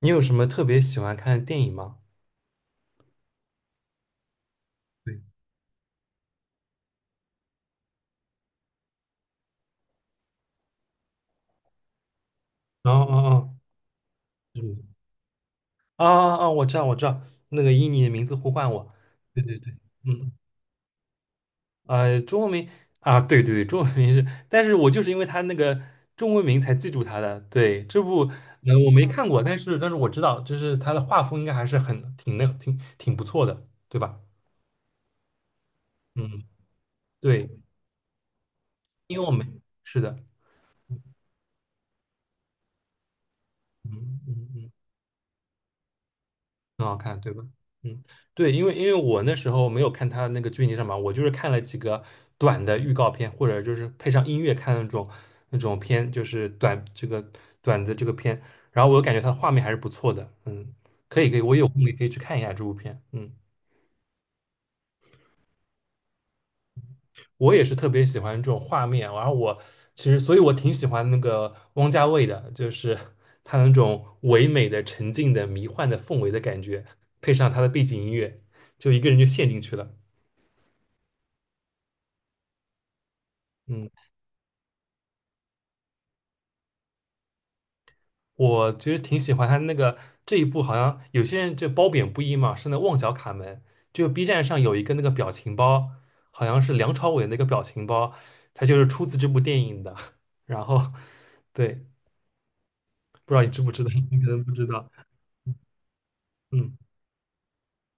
你有什么特别喜欢看的电影吗？对，哦哦哦，嗯，啊啊啊！我知道，我知道，那个以你的名字呼唤我，对对对，嗯，中文名啊，对对对，中文名是，但是我就是因为他那个中文名才记住他的。对，这部我没看过，但是我知道，就是他的画风应该还是很挺那挺挺不错的，对吧？嗯，对，因为我们是的，嗯嗯嗯。很好看，对吧？嗯，对，因为我那时候没有看他那个剧情上嘛，我就是看了几个短的预告片，或者就是配上音乐看那种片，就是短的这个片，然后我感觉它画面还是不错的，嗯，可以可以，我有空也可以去看一下这部片，嗯，我也是特别喜欢这种画面，然后我其实所以我挺喜欢那个汪家卫的，就是 他那种唯美的沉静的迷幻的氛围的感觉，配上他的背景音乐，就一个人就陷进去了。嗯。我其实挺喜欢他那个这一部，好像有些人就褒贬不一嘛，是那旺角卡门，就 B 站上有一个那个表情包，好像是梁朝伟那个表情包，它就是出自这部电影的。然后，对，不知道你知不知道，你可能不知道，嗯。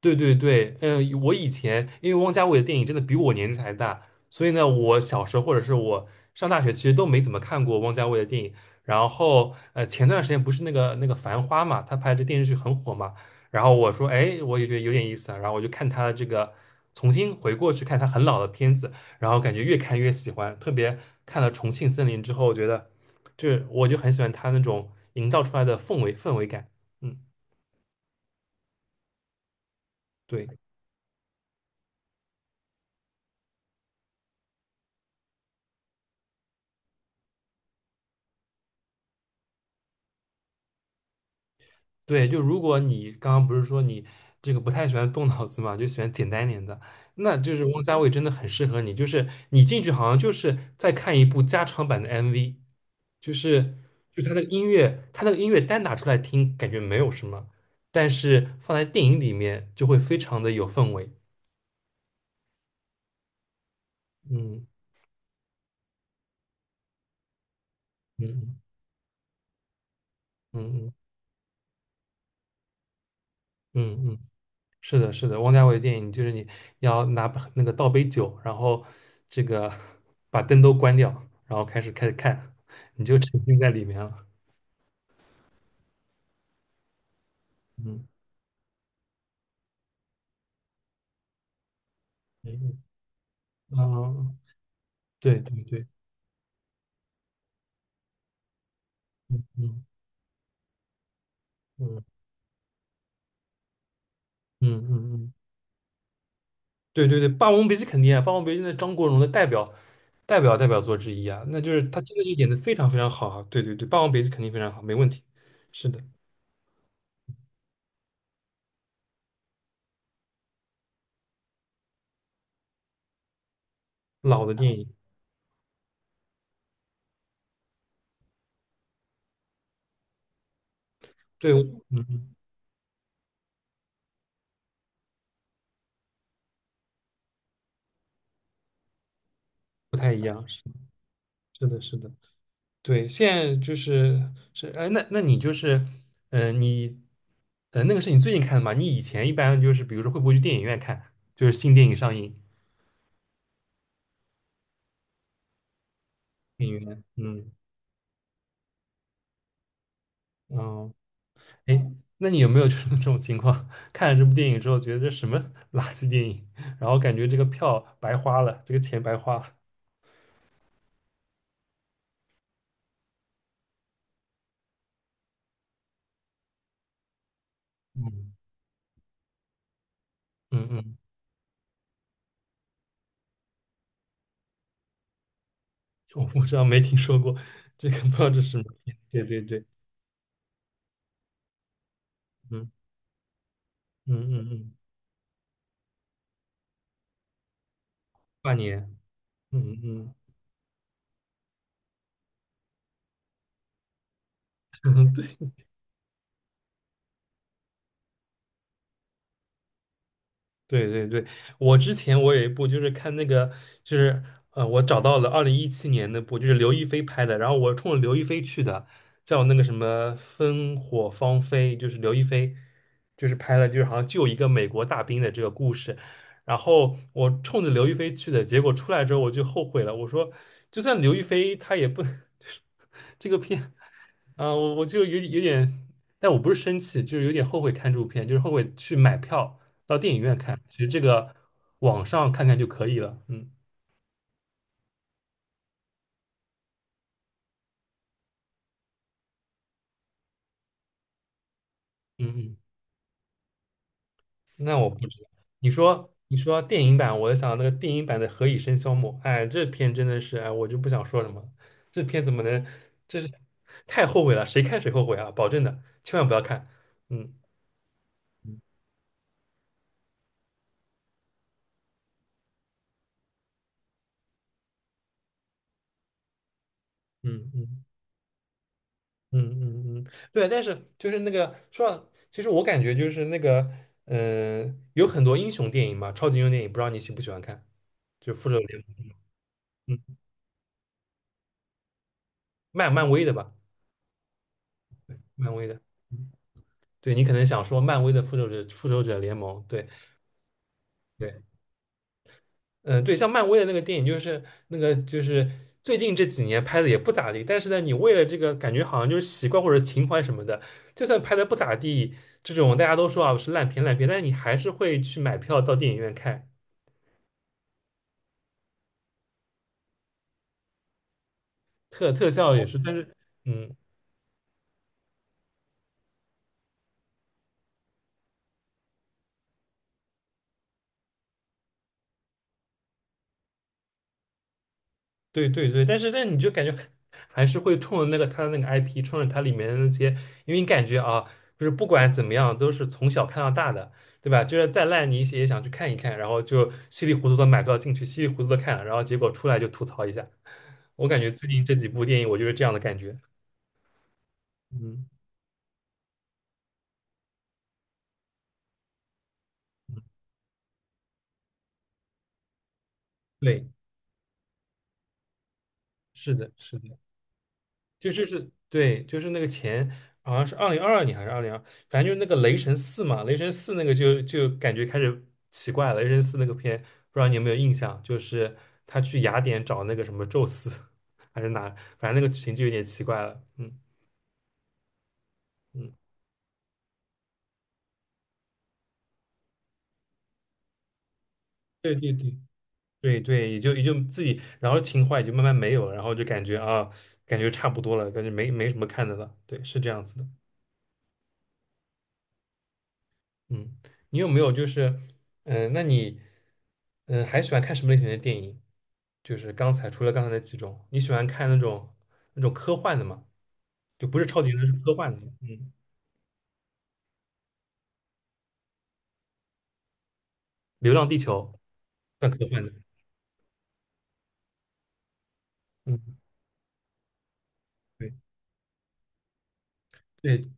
对对对，嗯，我以前因为汪家卫的电影真的比我年纪还大，所以呢，我小时候或者是我上大学其实都没怎么看过汪家卫的电影。然后，前段时间不是那个《繁花》嘛，他拍这电视剧很火嘛。然后我说，哎，我也觉得有点意思啊。然后我就看他的这个，重新回过去看他很老的片子，然后感觉越看越喜欢。特别看了《重庆森林》之后，我觉得这我就很喜欢他那种营造出来的氛围感。嗯，对。对，就如果你刚刚不是说你这个不太喜欢动脑子嘛，就喜欢简单一点的，那就是汪家卫真的很适合你。就是你进去好像就是在看一部加长版的 MV，就是就是他的音乐，他那个音乐单拿出来听感觉没有什么，但是放在电影里面就会非常的有氛围。嗯嗯嗯嗯嗯嗯嗯。是的，是的，王家卫电影就是你要拿那个倒杯酒，然后这个把灯都关掉，然后开始看，你就沉浸在里面了。嗯嗯啊，对对对，嗯嗯嗯嗯嗯，对对对，《霸王别姬》肯定啊，《霸王别姬》那张国荣的代表作之一啊，那就是他真的就演的非常非常好啊。对对对，《霸王别姬》肯定非常好，没问题。是的，老的电影，对，嗯，嗯不太一样，是是的，是的。对，现在就是是哎，那那你就是，你，那个是你最近看的吗？你以前一般就是，比如说会不会去电影院看，就是新电影上映，电影院，嗯哦，哎，那你有没有 就是这种情况，看了这部电影之后，觉得这什么 垃圾电影，然后感觉这个票白花了，这个钱白花了嗯嗯嗯，我不知道没听说过，这个不知道这是什么片对对对，嗯嗯嗯嗯，跨年，嗯嗯，对对对，我之前我有一部就是看那个，就是我找到了2017年那部，就是刘亦菲拍的，然后我冲着刘亦菲去的，叫那个什么《烽火芳菲》，就是刘亦菲，就是拍了就是好像救一个美国大兵的这个故事，然后我冲着刘亦菲去的，结果出来之后我就后悔了，我说就算刘亦菲她也不 这个片啊，我我就有点，但我不是生气，就是有点后悔看这部片，就是后悔去买票。到电影院看，其实这个网上看看就可以了。嗯嗯嗯，那我不知道。你说电影版，我就想到那个电影版的《何以笙箫默》，哎，这片真的是，哎，我就不想说什么了这片怎么能，这是太后悔了，谁看谁后悔啊！保证的，千万不要看。嗯嗯嗯嗯嗯嗯，对。但是就是那个说到其实我感觉就是那个，嗯、有很多英雄电影嘛，超级英雄电影，不知道你喜不喜欢看，就复仇者联盟，嗯，漫威的吧。漫威的，嗯对你可能想说漫威的复仇者联盟，对对，嗯对，像漫威的那个电影，就是最近这几年拍的也不咋地，但是呢，你为了这个感觉好像就是习惯或者情怀什么的，就算拍的不咋地，这种大家都说啊是烂片，但是你还是会去买票到电影院看，特效也是，但是嗯。对对对，但是但你就感觉还是会冲着那个它的那个 IP，冲着它里面的那些，因为你感觉啊，就是不管怎么样，都是从小看到大的，对吧？就是再烂你一些也想去看一看，然后就稀里糊涂的买票进去，稀里糊涂的看了，然后结果出来就吐槽一下。我感觉最近这几部电影，我就是这样的感觉。嗯，对，是的，是的。就是，对，就是那个前好像是2022年还是二零二，反正就是那个雷神四嘛，雷神四那个就感觉开始奇怪了。雷神四那个片，不知道你有没有印象？就是他去雅典找那个什么宙斯，还是哪，反正那个剧情就有点奇怪了。嗯嗯，对对对对对，也就自己，然后情怀也就慢慢没有了，然后就感觉啊，感觉差不多了，感觉没什么看的了。对，是这样子的。嗯，你有没有就是，嗯、那你，嗯、还喜欢看什么类型的电影？就是刚才除了刚才那几种，你喜欢看那种科幻的吗？就不是超级英雄，是科幻的。嗯，《流浪地球》算科幻的。嗯，对对，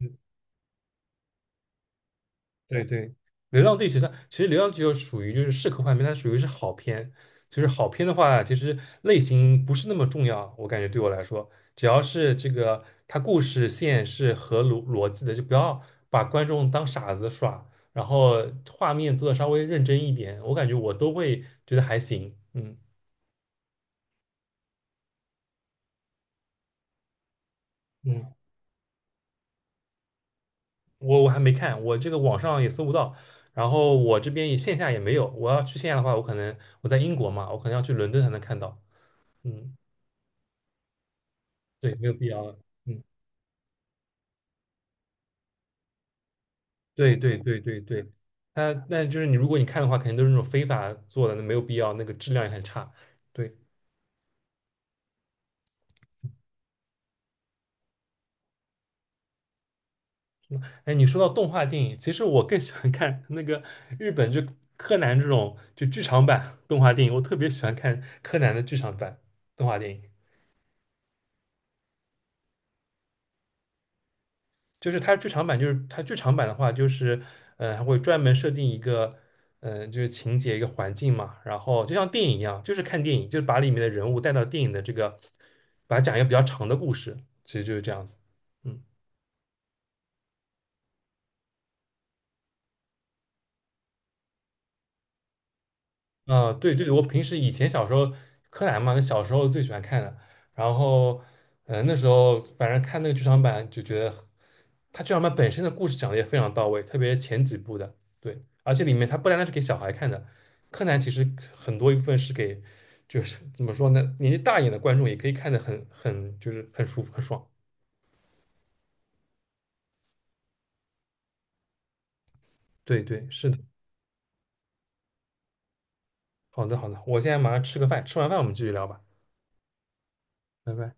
嗯。对对，《流浪地球》它其实《流浪地球》属于就是适合画片，它属于是好片。就是好片的话，其实类型不是那么重要，我感觉对我来说，只要是这个它故事线是合逻辑的，就不要把观众当傻子耍，然后画面做的稍微认真一点，我感觉我都会觉得还行。嗯嗯，我还没看，我这个网上也搜不到，然后我这边也线下也没有。我要去线下的话，我可能我在英国嘛，我可能要去伦敦才能看到。嗯。对，没有必要了嗯，对对对对对，它那就是你，如果你看的话，肯定都是那种非法做的，那没有必要，那个质量也很差。对，哎，你说到动画电影，其实我更喜欢看那个日本就柯南这种就剧场版动画电影，我特别喜欢看柯南的剧场版动画电影。就是它剧场版，就是它剧场版的话，就是嗯，还会专门设定一个嗯，就是情节一个环境嘛，然后就像电影一样，就是看电影，就是把里面的人物带到电影的这个，把它讲一个比较长的故事，其实就是这样子。嗯，啊，对对，我平时以前小时候柯南嘛，小时候最喜欢看的，然后嗯，那时候反正看那个剧场版就觉得。他剧场版本身的故事讲的也非常到位，特别是前几部的，对，而且里面它不单单是给小孩看的，柯南其实很多一部分是给，就是怎么说呢，年纪大一点的观众也可以看得很就是很舒服很爽。对对，是的，好的好的，我现在马上吃个饭，吃完饭我们继续聊吧，拜拜。